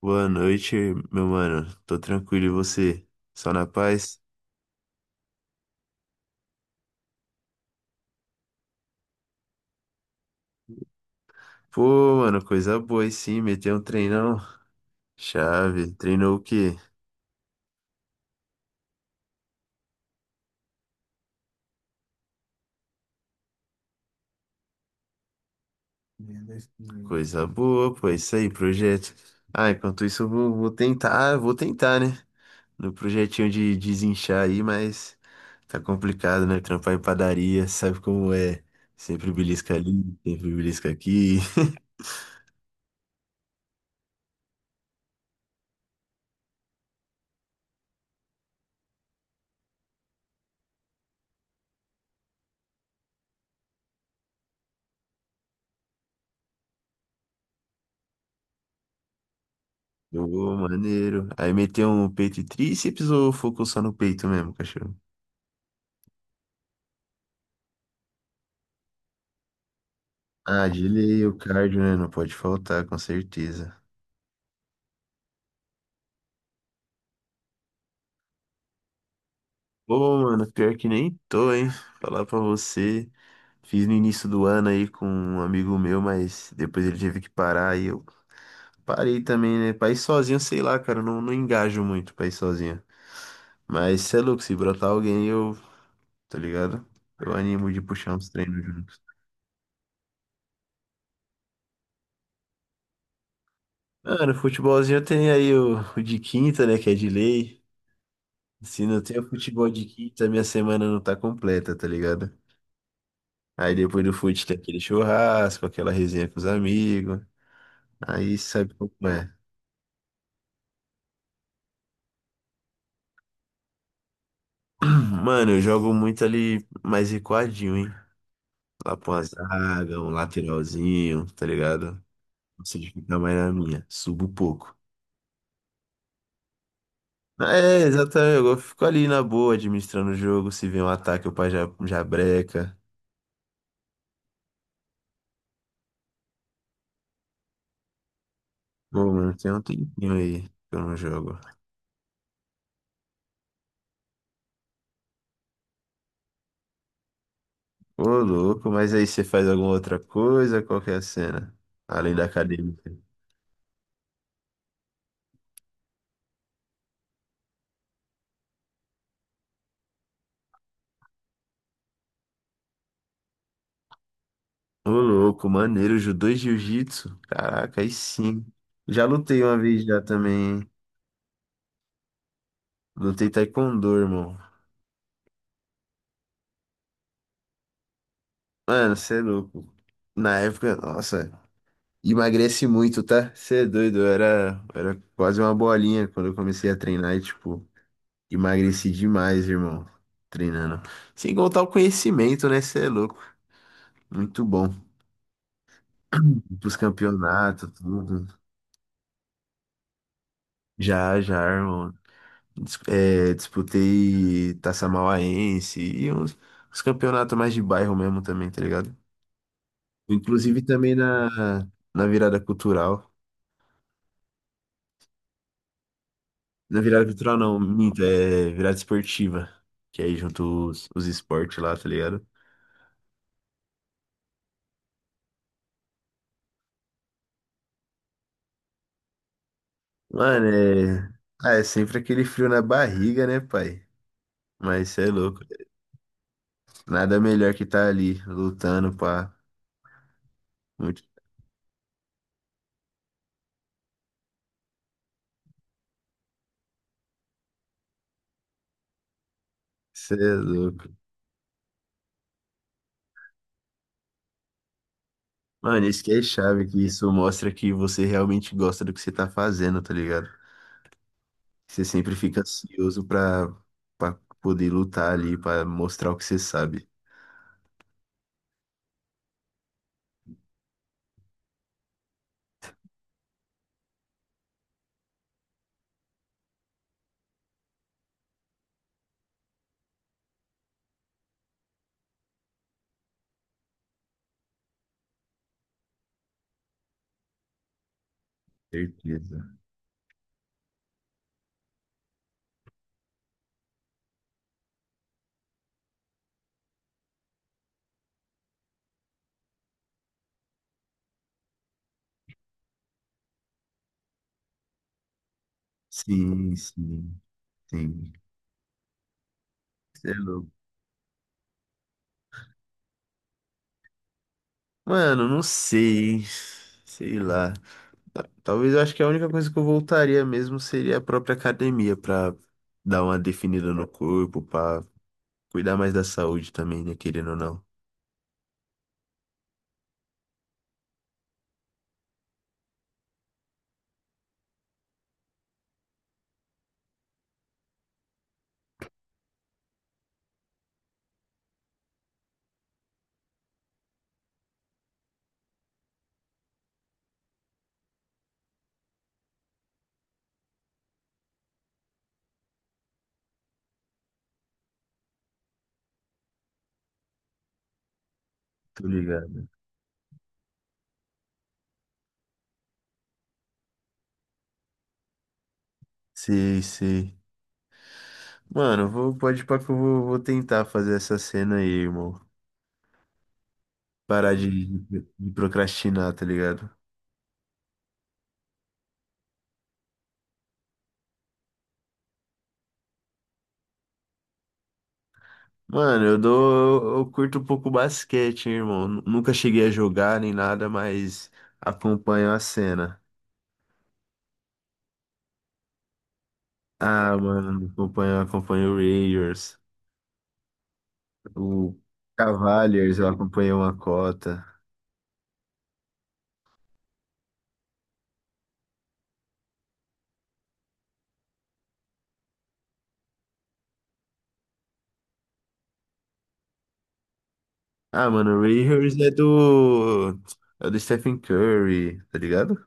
Boa noite, meu mano. Tô tranquilo e você? Só na paz? Pô, mano, coisa boa, aí sim, meteu um treinão. Chave, treinou o quê? Coisa boa, pô, é isso aí, projeto. Ah, enquanto isso eu vou tentar, né? No projetinho de desinchar aí, mas tá complicado, né? Trampar em padaria, sabe como é? Sempre belisca ali, sempre belisca aqui. Ô, maneiro. Aí meteu um peito e tríceps ou focou só no peito mesmo, cachorro? Ah, de lei, o cardio, né? Não pode faltar, com certeza. Pô, mano, pior que nem tô, hein? Falar pra você. Fiz no início do ano aí com um amigo meu, mas depois ele teve que parar e eu parei também, né? Pra ir sozinho, sei lá, cara, eu não engajo muito pra ir sozinho. Mas cê é louco, se brotar alguém, eu, tá ligado? Eu animo de puxar uns treinos juntos. Mano, futebolzinho tem aí o de quinta, né? Que é de lei. Se não tem o futebol de quinta, minha semana não tá completa, tá ligado? Aí depois do fute tem aquele churrasco, aquela resenha com os amigos. Aí sabe como é. Mano, eu jogo muito ali mais recuadinho, hein? Lá pra uma zaga, um lateralzinho, tá ligado? Não sei de ficar mais na minha. Subo pouco. É, exatamente. Eu fico ali na boa, administrando o jogo. Se vem um ataque, eu pá, já breca. Pô, mano, tem um tempinho aí que eu não jogo. Ô, louco, mas aí você faz alguma outra coisa? Qual que é a cena? Além da academia. Ô, louco, maneiro, judô e jiu-jitsu. Caraca, aí sim. Já lutei uma vez já também, hein? Lutei taekwondo, irmão. Mano, você é louco. Na época, nossa, emagrece muito, tá? Você é doido, eu era quase uma bolinha quando eu comecei a treinar e, tipo, emagreci demais, irmão, treinando. Sem contar o conhecimento, né? Você é louco. Muito bom. Pros campeonatos, tudo. Já, já, irmão. Disputei Taça Mauaense e uns, uns campeonatos mais de bairro mesmo também, tá ligado? Inclusive também na virada cultural. Na virada cultural não, minto, é virada esportiva. Que é aí junto os esportes lá, tá ligado? Mano, é. Ah, é sempre aquele frio na barriga, né, pai? Mas cê é louco. Nada melhor que tá ali, lutando, pá. Muito. Cê é louco. Mano, isso que é chave, que isso mostra que você realmente gosta do que você tá fazendo, tá ligado? Você sempre fica ansioso pra poder lutar ali, pra mostrar o que você sabe. Certeza. Sim, sim, sim. Cê é louco. Mano, não sei. Sei lá. Talvez eu acho que a única coisa que eu voltaria mesmo seria a própria academia pra dar uma definida no corpo, pra cuidar mais da saúde também, né? Querendo ou não. Tô ligado. Sei, sei. Mano, eu vou, pode ir pra que eu vou tentar fazer essa cena aí, irmão. Parar de procrastinar, tá ligado? Mano, eu curto um pouco basquete, hein, irmão. Nunca cheguei a jogar nem nada, mas acompanho a cena. Ah, mano, acompanho o Warriors, o Cavaliers, eu acompanho uma cota. Ah, mano, o Warriors é do Stephen Curry, tá ligado?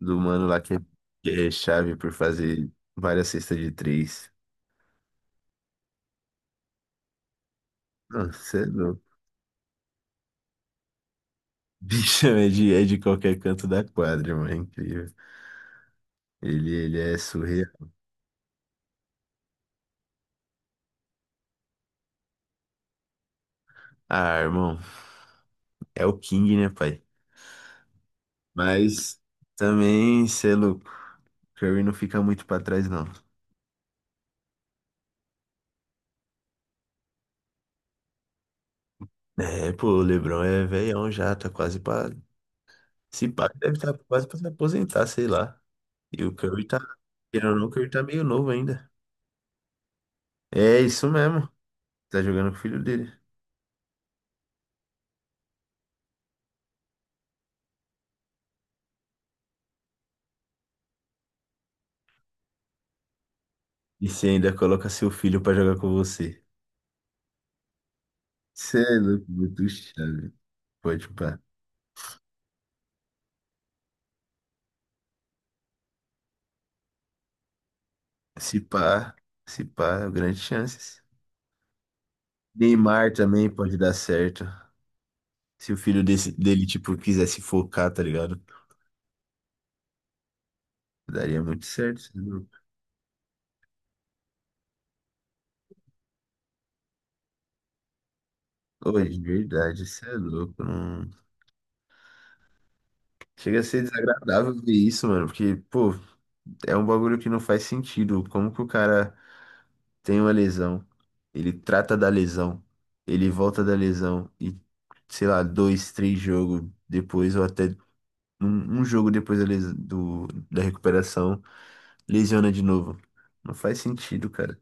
Do mano lá que é chave por fazer várias cestas de três. Nossa, bicho é de qualquer canto da quadra, mano. É incrível. Ele é surreal. Ah, irmão. É o King, né, pai? Mas também, cê é louco. Curry não fica muito pra trás, não. É, pô, o LeBron é velhão já, tá quase pra. Se pá, deve estar quase pra se aposentar, sei lá. E o Curry tá. Querendo ou não, o Curry tá meio novo ainda. É isso mesmo. Tá jogando com o filho dele. E você ainda coloca seu filho pra jogar com você. Cê é louco, muito chave. Pode pá. Se pá, se pá, grandes chances. Neymar também pode dar certo. Se o dele, tipo, quisesse focar, tá ligado? Daria muito certo, cê é louco. Ô, de verdade, isso é louco. Não, chega a ser desagradável ver isso, mano. Porque, pô, é um bagulho que não faz sentido. Como que o cara tem uma lesão, ele trata da lesão, ele volta da lesão e, sei lá, dois, três jogos depois, ou até um jogo depois da recuperação. Lesiona de novo. Não faz sentido, cara.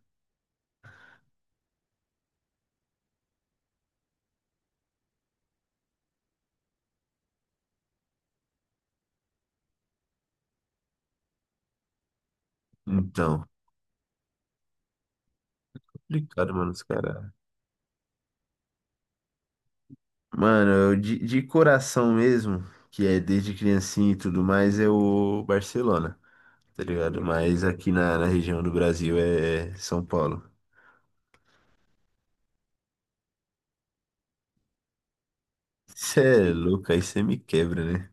Então, complicado, mano, os caras. Mano, eu de coração mesmo, que é desde criancinha e tudo mais, é o Barcelona, tá ligado? Mas aqui na região do Brasil é São Paulo. Cê é louco, aí você me quebra, né?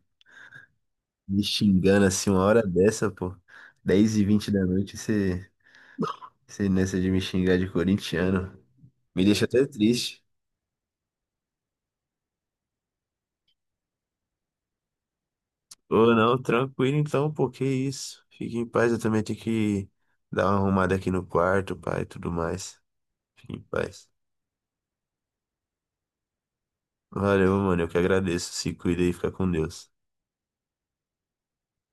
Me xingando assim uma hora dessa, pô. 10:20 da noite, você nessa de me xingar de corintiano. Me deixa até triste. Ou não, tranquilo então, pô, que isso. Fique em paz, eu também tenho que dar uma arrumada aqui no quarto, pai, e tudo mais. Fique em paz. Valeu, mano, eu que agradeço. Se cuida e fica com Deus.